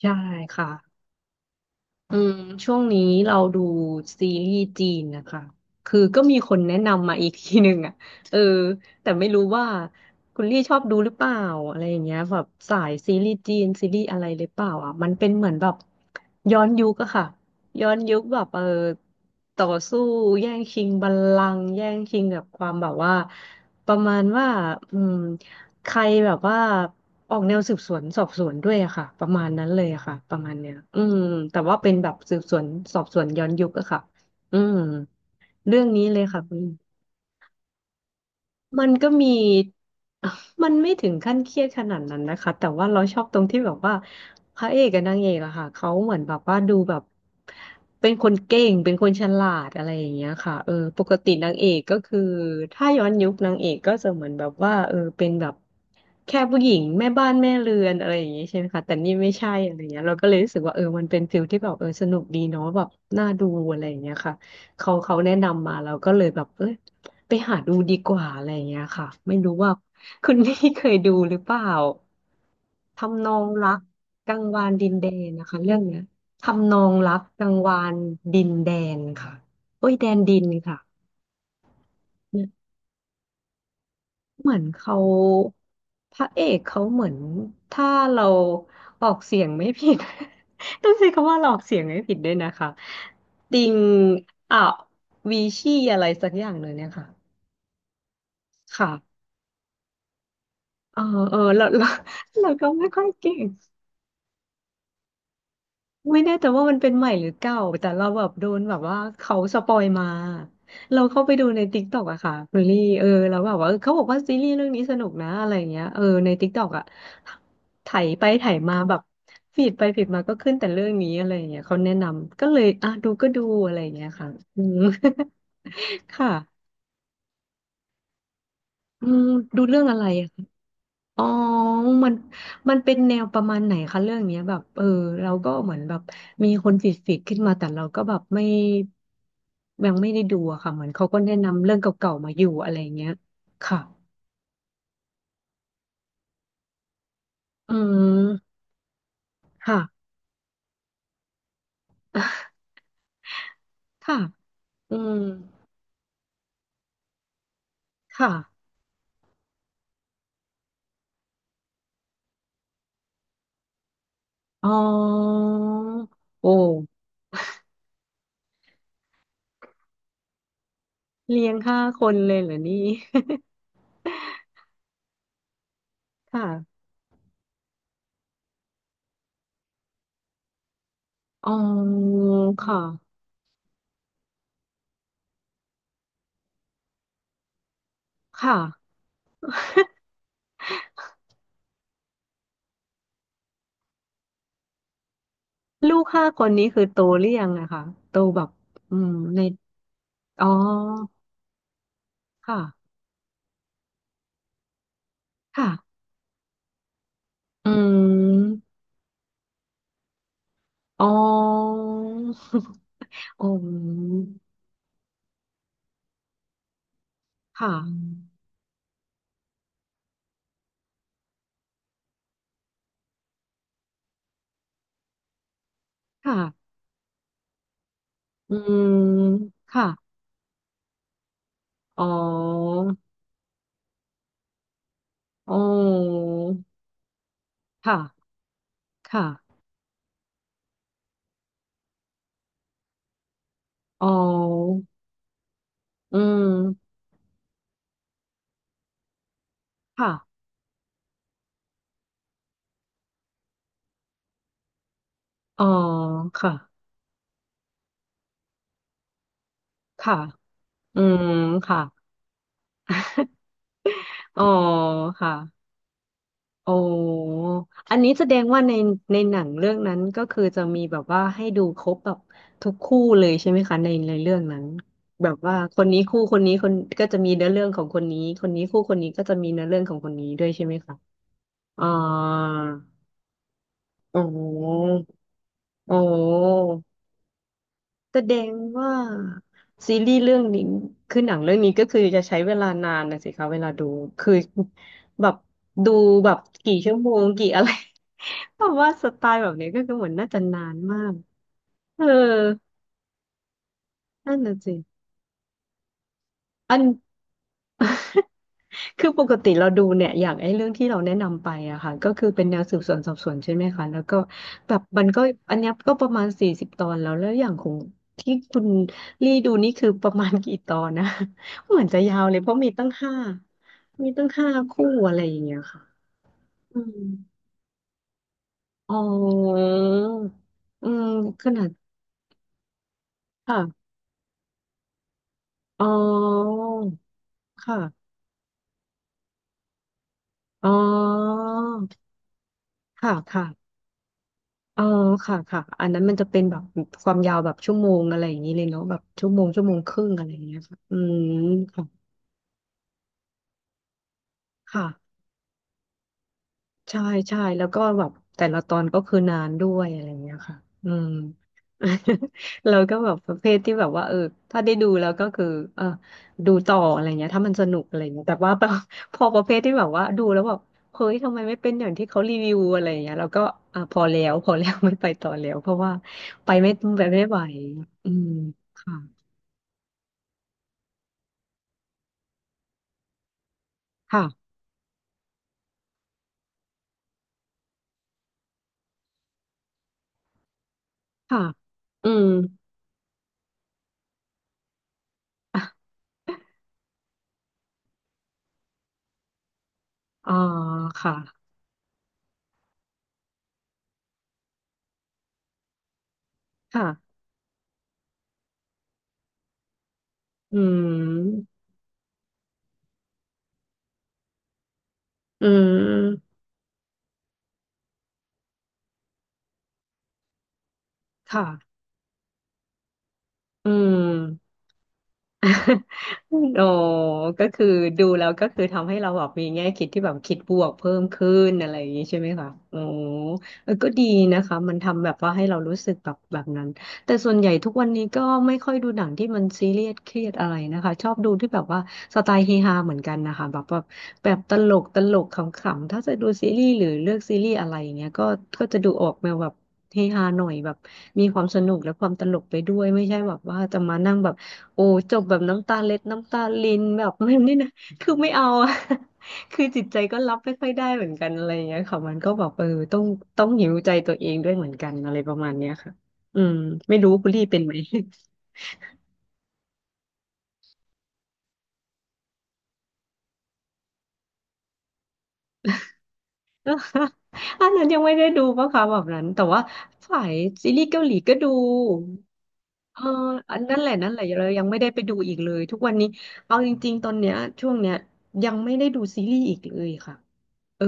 ใช่ค่ะอืมช่วงนี้เราดูซีรีส์จีนนะคะคือก็มีคนแนะนำมาอีกทีหนึ่งอ่ะเออแต่ไม่รู้ว่าคุณลี่ชอบดูหรือเปล่าอะไรอย่างเงี้ยแบบสายซีรีส์จีนซีรีส์อะไรหรือเปล่าอ่ะมันเป็นเหมือนแบบย้อนยุคอะค่ะ ย้อนยุคแบบต่อสู้แย่งชิงบัลลังก์แย่งชิงกับความแบบว่าประมาณว่าอืม ใครแบบว่าออกแนวสืบสวนสอบสวนด้วยอะค่ะประมาณนั้นเลยอะค่ะประมาณเนี้ยแต่ว่าเป็นแบบสืบสวนสอบสวนย้อนยุคอะค่ะอืมเรื่องนี้เลยค่ะคุณ มันก็มี มันไม่ถึงขั้นเครียดขนาดนั้นนะคะแต่ว่าเราชอบตรงที่แบบว่าพระเอกกับนางเอกอะค่ะเขาเหมือนแบบว่าดูแบบเป็นคนเก่งเป็นคนฉลาดอะไรอย่างเงี้ยค่ะปกตินางเอกก็คือถ้าย้อนยุคนางเอกก็จะเหมือนแบบว่าเป็นแบบแค่ผู้หญิงแม่บ้านแม่เรือนอะไรอย่างเงี้ยใช่ไหมคะแต่นี่ไม่ใช่อะไรเงี้ยเราก็เลยรู้สึกว่ามันเป็นฟิลที่แบบสนุกดีเนาะแบบน่าดูอะไรอย่างเงี้ยค่ะเขาแนะนำมาเราก็เลยแบบไปหาดูดีกว่าอะไรอย่างเงี้ยค่ะไม่รู้ว่าคุณนี่เคยดูหรือเปล่าทำนองรักกังวานดินแดนนะคะเรื่องเนี้ยทำนองรักกังวานดินแดนค่ะโอ้ยแดนดินค่ะเนี่ยเหมือนเขาพระเอกเขาเหมือนถ้าเราออกเสียงไม่ผิด ต้องใช้คำว่าเราออกเสียงไม่ผิดด้วยนะคะติงอ่ะวีชี่อะไรสักอย่างเลยเนี่ยค่ะค่ะ เออเออเรา เราก็ไม่ค่อยเก่งไม่แน่ใจว่ามันเป็นใหม่หรือเก่าแต่เราแบบโดนแบบว่าเขาสปอยมาเราเข้าไปดูใน t ิ k กต k อกอะค่ะคุณลี่เราแบบว่าเขาบอกว่าซีรีส์เรื่องนี้สนุกนะอะไรอย่างเงี้ยในติ๊กต็อกอะไถไปไถมาแบบฟีดไปฟีดมาก็ขึ้นแต่เรื่องนี้อะไรอย่างเงี้ยเขาแนะนำก็เลยอ่ะดูก็ดูอะไรอย่างเงี้ยค่ะอืม ค่ะอืมดูเรื่องอะไร อ๋อมันมันเป็นแนวประมาณไหนคะเรื่องเนี้ยแบบเราก็เหมือนแบบมีคนฟีดฟีดขึ้นมาแต่เราก็แบบไม่ยังไม่ได้ดูอะค่ะเหมือนเขาก็แนะนำเรื่องเก่าๆมาอยู่อะไรเงี้ยค่ะอืมค่ะ ค่ะอืมค่ะอ๋อโอ้เลี้ยงห้าคนเลยเหรอนี่ ค่ะ อ๋อ ค่ะค่ะ ลูกห้าคนนี้คือโตหรือยังอะคะโตแบบอืมใน อ๋อ ค่ะค่ะอืมอ๋อ อ๋อค่ะค่ะอืมค่ะอ๋ออ๋อค่ะค่ะอ๋ออืมค่ะอ๋อค่ะค่ะอืมค่ะอ๋อค่ะ โอ้อันนี้แสดงว่าในในหนังเรื่องนั้นก็คือจะมีแบบว่าให้ดูครบแบบทุกคู่เลยใช่ไหมคะในเรื่องนั้นแบบว่าคนนี้คู่คนนี้คนก็จะมีเนื้อเรื่องของคนนี้คนนี้คู่คนนี้ก็จะมีเนื้อเรื่องของคนนี้ด้วยใช่ไหมคะอ๋ออ๋ออ๋อ แสดงว่าซีรีส์เรื่องนี้คือหนังเรื่องนี้ก็คือจะใช้เวลานานนะสิคะเวลาดูคือ แบบดูแบบกี่ชั่วโมงกี่อะไร เพราะว่าสไตล์แบบนี้ก็คือเหมือนน่าจะนานมากเออนั่นน่ะสิอัน คือปกติเราดูเนี่ยอย่างไอ้เรื่องที่เราแนะนำไปอะค่ะก็คือเป็นแนวสืบสวนสอบสวนใช่ไหมคะแล้วก็แบบมันก็อันเนี้ยก็ประมาณ40 ตอนแล้วแล้วอย่างของที่คุณลี่ดูนี่คือประมาณกี่ตอนนะ เหมือนจะยาวเลยเพราะมีตั้งห้าคู่อะไรอย่างเงี้ยค่ะอืมอ๋ออืมขนาดค่ะอ๋อค่ะอ๋อค่ะค่ะ เออค่ะค่ะอันนั้นมันจะเป็นแบบความยาวแบบชั่วโมงอะไรอย่างนี้เลยเนาะแบบชั่วโมงชั่วโมงครึ่งอะไรอย่างเงี้ยค่ะอืมค่ะค่ะ ใช่ใช่แล้วก็แบบแต่ละตอนก็คือนานด้วยอะไรอย่างเงี้ยค่ะอืม เราก็แบบประเภทที่แบบว่าถ้าได้ดูแล้วก็คือเออดูต่ออะไรเงี้ยถ้ามันสนุกอะไรเงี้ยแต่ว่าพอ พอประเภทที่แบบว่าดูแล้วแบบเฮ้ยทำไมไม่เป็นอย่างที่เขารีวิวอะไรเงี้ยเราก็อ่ะพอแล้วพอแล้ว ไม่ไปต่อแล้วเพราะว่าไปไม่ไปไม่ไหวอืมค่ะค่ะค่ะอืมอ่ะอ๋อค่ะค่ะอืมอืมค่ะ อืมโอ้ก็คือดูแล้วก็คือทำให้เราแบบมีแง่คิดที่แบบคิดบวกเพิ่มขึ้นอะไรอย่างนี้ใช่ไหมคะโอ้เออก็ดีนะคะมันทำแบบว่าให้เรารู้สึกแบบนั้นแต่ส่วนใหญ่ทุกวันนี้ก็ไม่ค่อยดูหนังที่มันซีเรียสเครียดอะไรนะคะชอบดูที่แบบว่าสไตล์เฮฮาเหมือนกันนะคะแบบตลกตลกขำๆถ้าจะดูซีรีส์หรือเลือกซีรีส์อะไรอย่างเงี้ยก็จะดูออกแนวแบบเฮฮาหน่อยแบบมีความสนุกและความตลกไปด้วยไม่ใช่แบบว่าจะมานั่งแบบ โอ้จบแบบน้ำตาเล็ดน้ำตาลินแบบไม่นี่นะ คือไม่เอาอะ คือจิตใจก็รับไม่ค่อยได้เหมือนกันอะไรอย่างเงี้ยค่ะมันก็แบบเออต้องต้องหิวใจตัวเองด้วยเหมือนกันอะไรประมาณเนี้ยค่ะอืมไม่รู้คุณลี่เป็นไหม อันนั้นยังไม่ได้ดูปะคะแบบนั้นแต่ว่าฝ่ายซีรีส์เกาหลีก็ดูเอออันนั่นแหละนั่นแหละเรายังไม่ได้ไปดูอีกเลยทุกวันนี้เอาจริงๆตอนเนี้ยช่วงเนี้ยยังไม่ได้ดูซีรีส์อีกเลยค่ะ เออ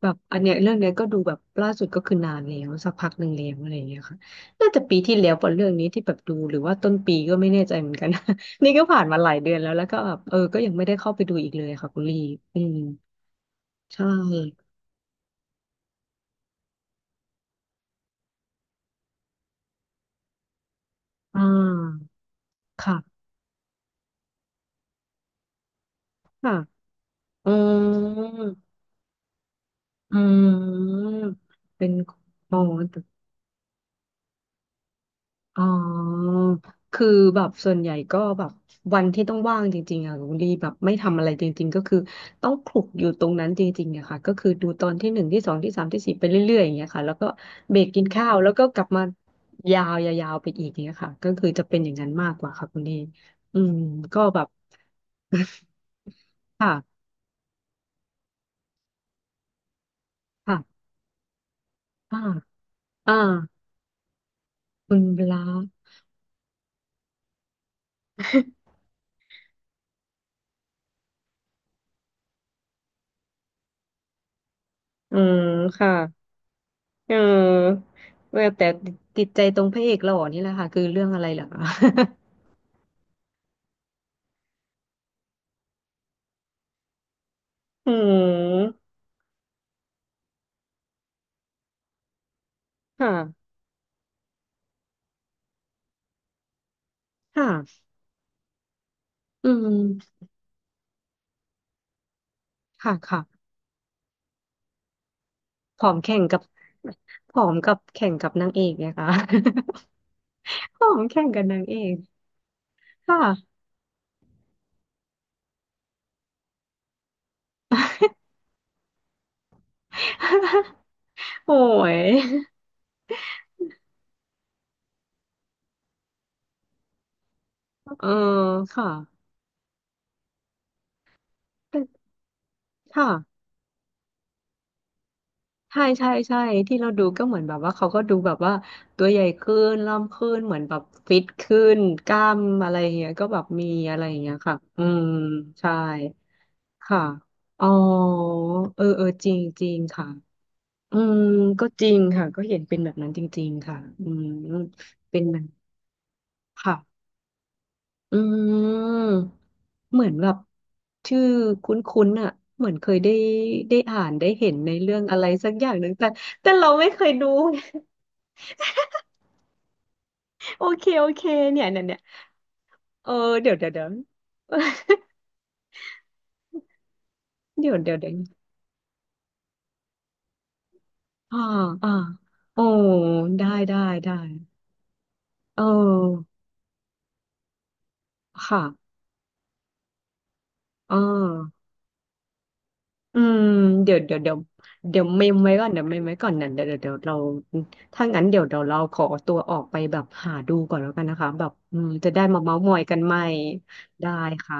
แบบอันเนี้ยเรื่องเนี้ยก็ดูแบบล่าสุดก็คือนานแล้วสักพักหนึ่งแล้วอะไรอย่างเงี้ยค่ะน่าจะปีที่แล้วป่ะเรื่องนี้ที่แบบดูหรือว่าต้นปีก็ไม่แน่ใจเหมือนกัน นี่ก็ผ่านมาหลายเดือนแล้วก็แบบเออก็ยังไม่ได้เข้าไปดูอีกเลยค่ะคุณลี่อืมใช่อ่าค่ะค่ะอืมอืมเป็นอ๋อ อ๋อคือแบบส่วนใหญ่ก็แบบวันที่ต้องว่างจริงๆอะคุณดีแบบไม่ทำอะไรจริงๆก็คือต้องคลุกอยู่ตรงนั้นจริงๆอะค่ะก็คือดูตอนที่หนึ่งที่สองที่สามที่สี่ไปเรื่อยๆอย่างเงี้ยค่ะแล้วก็เบรกกินข้าวแล้วก็กลับมายาวยาวๆไปอีกอย่างเงี้ยค่ะก็คือจะเป็นอย่างนั้นมากกว่าค่ะคุณดีอืมก็แบบ ค่ะค่ะอ่าอ่าคุณเวลา อืมค่ะเออแต่ติดใจตรงพระเอกหล่อนี่แหละค่ะคือเรื่องอะไรเหรอคะ อืมค่ะค่ะอืมค่ะค่ะผอมแข่งกับผอมกับแข่งกับนางเอกเนี่ยค่ะ ผอมแข่งกับนางเอกค่ะ โอ้ยเออค่ะแต่ค่ะใช่ใช่ใช่ที่เราดูก็เหมือนแบบว่าเขาก็ดูแบบว่าตัวใหญ่ขึ้นล่ำขึ้นเหมือนแบบฟิตขึ้นกล้ามอะไรอย่างเงี้ยก็แบบมีอะไรอย่างเงี้ยค่ะอืมใช่ค่ะอ๋อเออเออจริงจริงค่ะ อืมก็จริงค่ะก็เห็นเป็นแบบนั้นจริงๆค่ะอืมเป็นแบบค่ะอืมเหมือนแบบชื่อคุ้นๆอ่ะเหมือนเคยได้อ่านได้เห็นในเรื่องอะไรสักอย่างหนึ่งแต่แต่เราไม่เคยดู โอเคโอเคเนี่ยเนี่ยเนี่ยเออเดี๋ยวเดี๋ยวเดี๋ยว เดี๋ยวเดี๋ยวเดี๋ยวอ่าอ่าโอ้ได้ได้ได้เออค่ะอ่า อืมเดี๋ยวเดี๋ยวเดี๋ยวเดี๋ยวเมมไว้ก่อนเดี๋ยวเมมไว้ก่อนนะเดี๋ยวเดี๋ยวเดี๋ยวเราถ้างั้นเดี๋ยวเดี๋ยวเราขอตัวออกไปแบบหาดูก่อนแล้วกันนะคะแบบอืมจะได้มาเม้าท์มอยกันใหม่ได้ค่ะ